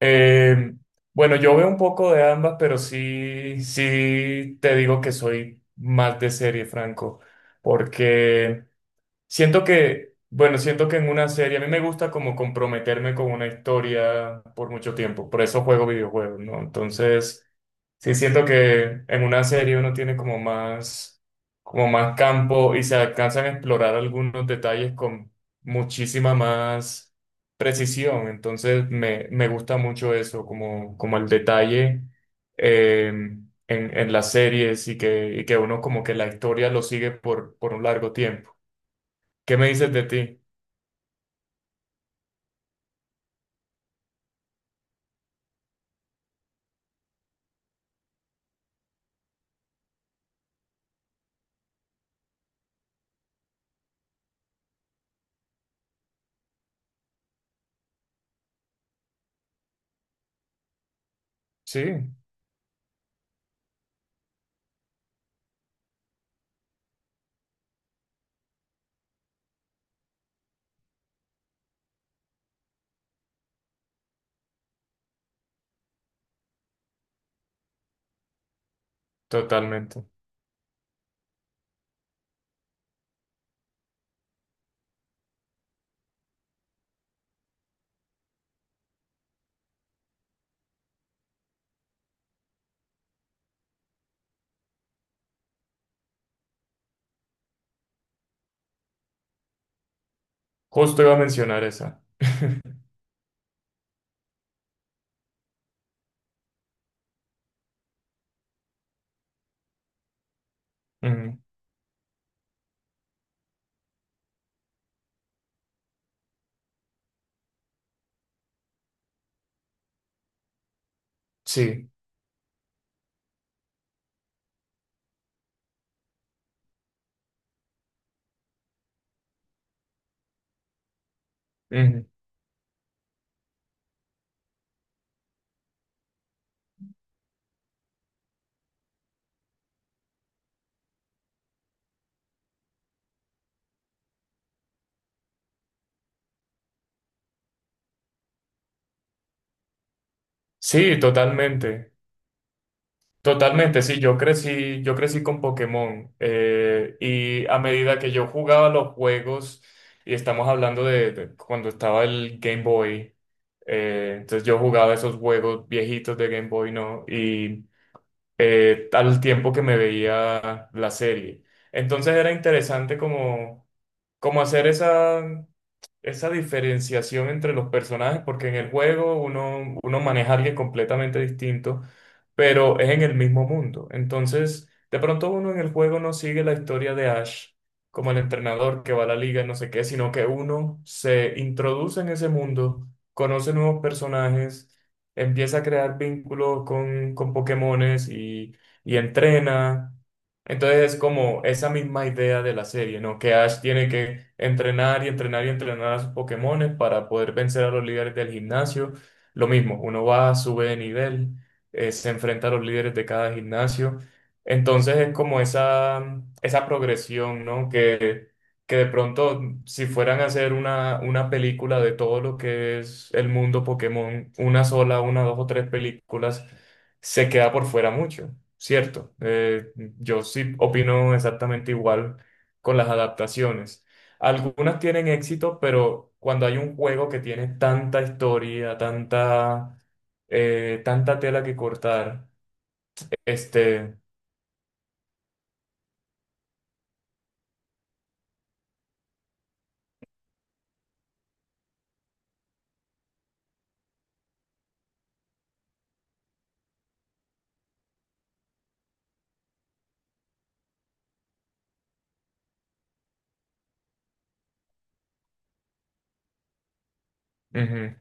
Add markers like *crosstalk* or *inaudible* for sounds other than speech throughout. Eh, bueno, yo veo un poco de ambas, pero sí, sí te digo que soy más de serie, Franco, porque siento que, bueno, siento que en una serie a mí me gusta como comprometerme con una historia por mucho tiempo, por eso juego videojuegos, ¿no? Entonces, sí siento que en una serie uno tiene como más campo y se alcanzan a explorar algunos detalles con muchísima más precisión, entonces me gusta mucho eso, como, como el detalle eh, en, en las series y que uno como que la historia lo sigue por un largo tiempo. ¿Qué me dices de ti? Sí, totalmente. Justo iba a mencionar esa. *laughs* Mm, sí, ujú. Sí, totalmente. Totalmente, sí, yo crecí con Pokémon, y a medida que yo jugaba los juegos, y estamos hablando de cuando estaba el Game Boy, entonces yo jugaba esos juegos viejitos de Game Boy, ¿no? Y al tiempo que me veía la serie. Entonces era interesante como, como hacer esa, esa diferenciación entre los personajes, porque en el juego uno maneja a alguien completamente distinto, pero es en el mismo mundo. Entonces, de pronto uno en el juego no sigue la historia de Ash como el entrenador que va a la liga y no sé qué, sino que uno se introduce en ese mundo, conoce nuevos personajes empieza a crear vínculos con Pokémones y entrena. Entonces es como esa misma idea de la serie, ¿no? Que Ash tiene que entrenar y entrenar y entrenar a sus Pokémones para poder vencer a los líderes del gimnasio. Lo mismo, uno va, sube de nivel, se enfrenta a los líderes de cada gimnasio. Entonces es como esa progresión, ¿no? Que de pronto, si fueran a hacer una película de todo lo que es el mundo Pokémon, una sola, una, dos o tres películas, se queda por fuera mucho, ¿cierto? Yo sí opino exactamente igual con las adaptaciones. Algunas tienen éxito, pero cuando hay un juego que tiene tanta historia, tanta, tanta tela que cortar, este, ujú,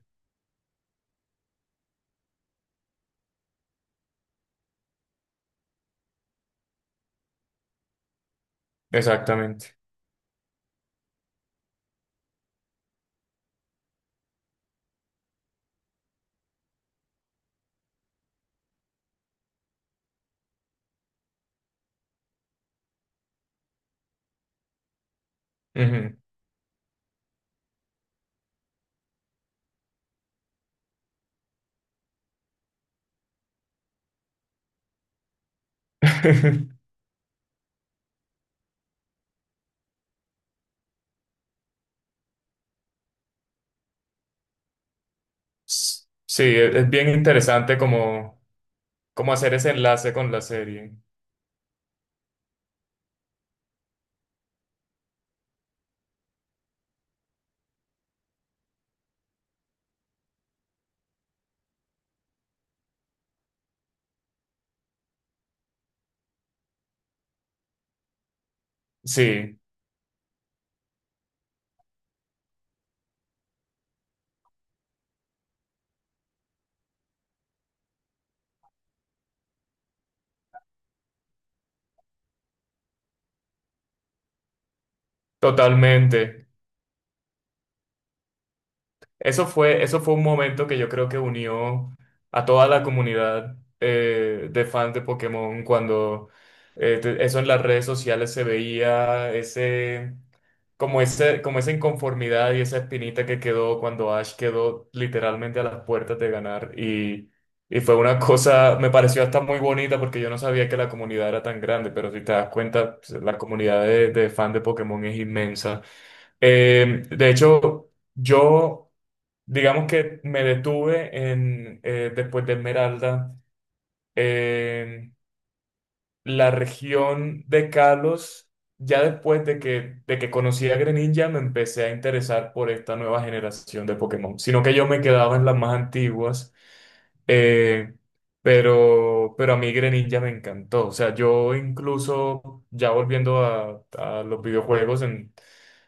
exactamente. Ujú. *laughs* Sí, e- es bien interesante como, como hacer ese enlace con la serie. Sí, totalmente. Eso fue un momento que yo creo que unió a toda la comunidad, de fans de Pokémon cuando eso en las redes sociales se veía, ese, como esa inconformidad y esa espinita que quedó cuando Ash quedó literalmente a las puertas de ganar. Y fue una cosa, me pareció hasta muy bonita porque yo no sabía que la comunidad era tan grande, pero si te das cuenta, pues, la comunidad de fans de Pokémon es inmensa. De hecho, yo... Digamos que me detuve en, después de Esmeralda. Eh, la región de Kalos, ya después de que conocí a Greninja, me empecé a interesar por esta nueva generación de Pokémon, sino que yo me quedaba en las más antiguas, eh, pero a mí Greninja me encantó, o sea, yo incluso, ya volviendo a los videojuegos, en,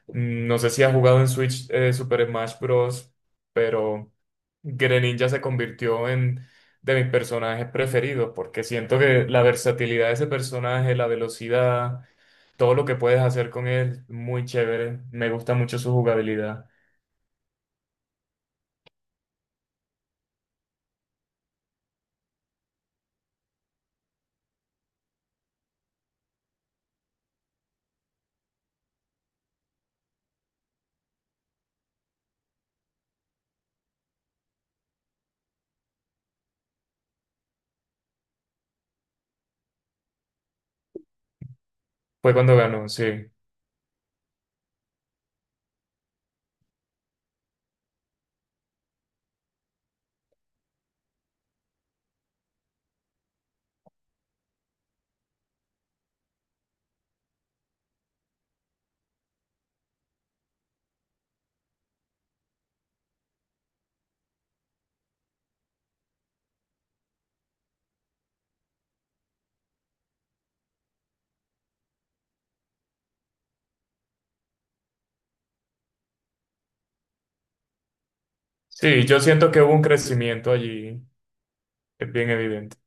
mm, no sé si has jugado en Switch, Super Smash Bros., pero... Greninja se convirtió en de mis personajes preferidos, porque siento que la versatilidad de ese personaje, la velocidad, todo lo que puedes hacer con él, muy chévere. Me gusta mucho su jugabilidad. Fue cuando ganó, sí. Sí, yo siento que hubo un crecimiento allí, es bien evidente.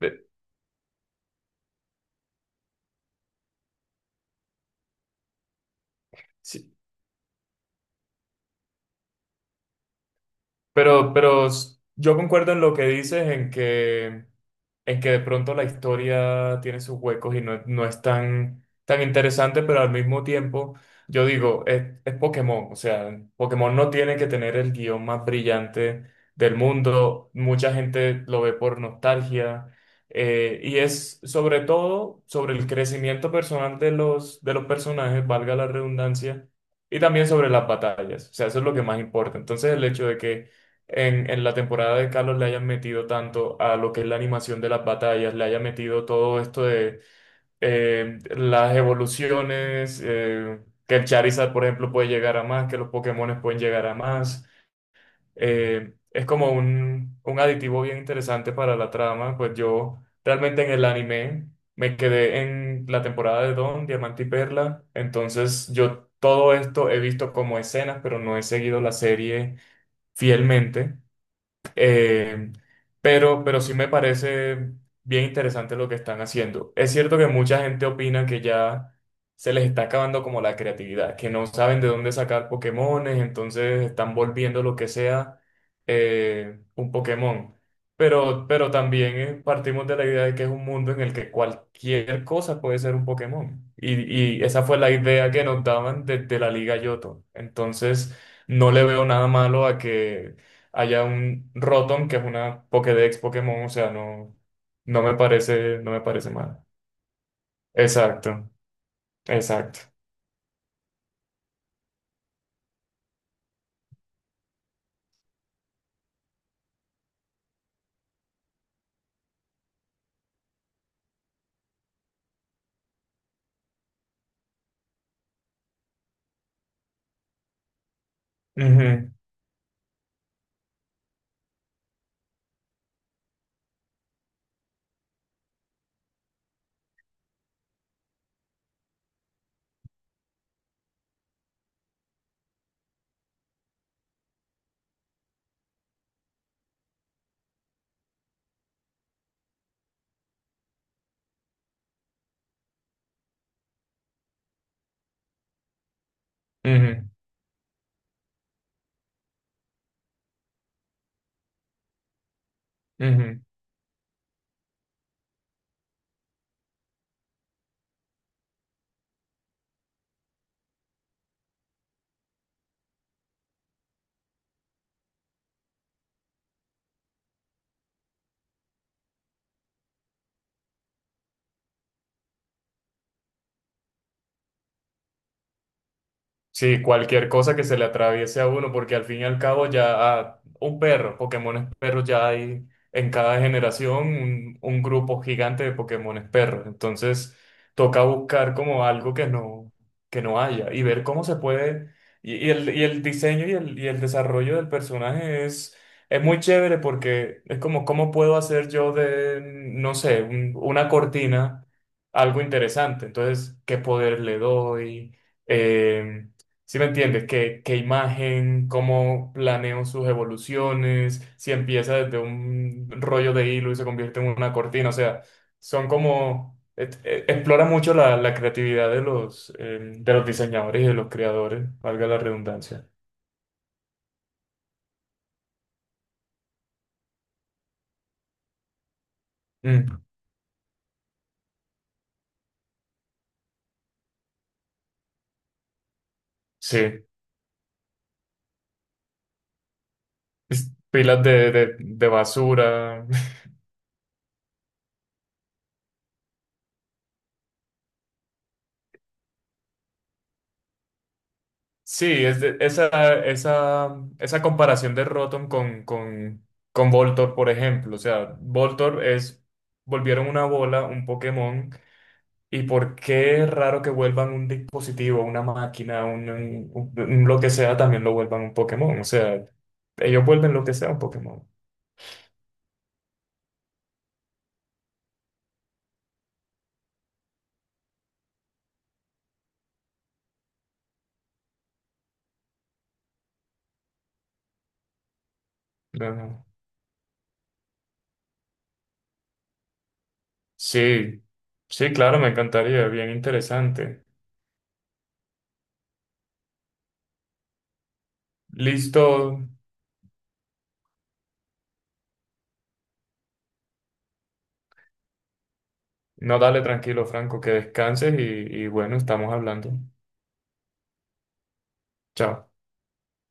Eh, sí. Pero s- yo concuerdo en lo que dices, en que de pronto la historia tiene sus huecos y no, no es tan, tan interesante, pero al mismo tiempo, yo digo, es Pokémon, o sea, Pokémon no tiene que tener el guión más brillante del mundo, mucha gente lo ve por nostalgia, y es sobre todo sobre el crecimiento personal de los personajes, valga la redundancia, y también sobre las batallas, o sea, eso es lo que más importa. Entonces, el hecho de que en la temporada de Carlos le hayan metido tanto a lo que es la animación de las batallas, le hayan metido todo esto de las evoluciones, que el Charizard, por ejemplo, puede llegar a más, que los Pokémones pueden llegar a más. Es como un aditivo bien interesante para la trama, pues yo realmente en el anime me quedé en la temporada de Don, Diamante y Perla, entonces yo todo esto he visto como escenas, pero no he seguido la serie fielmente. Eh, pero sí me parece bien interesante lo que están haciendo. Es cierto que mucha gente opina que ya se les está acabando como la creatividad, que no saben de dónde sacar Pokémones, entonces están volviendo lo que sea un Pokémon. Pero también, partimos de la idea de que es un mundo en el que cualquier cosa puede ser un Pokémon. Y esa fue la idea que nos daban desde la Liga Yoto. Entonces, no le veo nada malo a que haya un Rotom que es una Pokédex Pokémon, o sea, no, no me parece, no me parece mal. Exacto, exacto. Ujú, ujú, ujú. Sí, cualquier cosa que se le atraviese a uno, porque al fin y al cabo ya, un perro, Pokémones perros ya hay en cada generación un grupo gigante de Pokémones perros. Entonces toca buscar como algo que no haya y ver cómo se puede. Y el diseño y el desarrollo del personaje es muy chévere porque es como cómo puedo hacer yo de, no sé, una cortina algo interesante. Entonces, ¿qué poder le doy? Em, ¿Si me entiendes? ¿Qué, qué imagen? ¿Cómo planeo sus evoluciones? Si empieza desde un rollo de hilo y se convierte en una cortina. O sea, son como... Explora mucho la, la creatividad de los diseñadores y de los creadores, valga la redundancia. Mm, sí. Es- pilas de basura. Sí, es de- esa comparación de Rotom con Voltorb, por ejemplo. O sea, Voltorb es, volvieron una bola, un Pokémon, y por qué es raro que vuelvan un dispositivo, una máquina, un, lo que sea, también lo vuelvan un Pokémon. O sea, ellos vuelven lo que sea un Pokémon. Ajá. Sí, sí, claro, me encantaría, bien interesante. Listo, no dale tranquilo, Franco, que descanses y bueno, estamos hablando. Chao.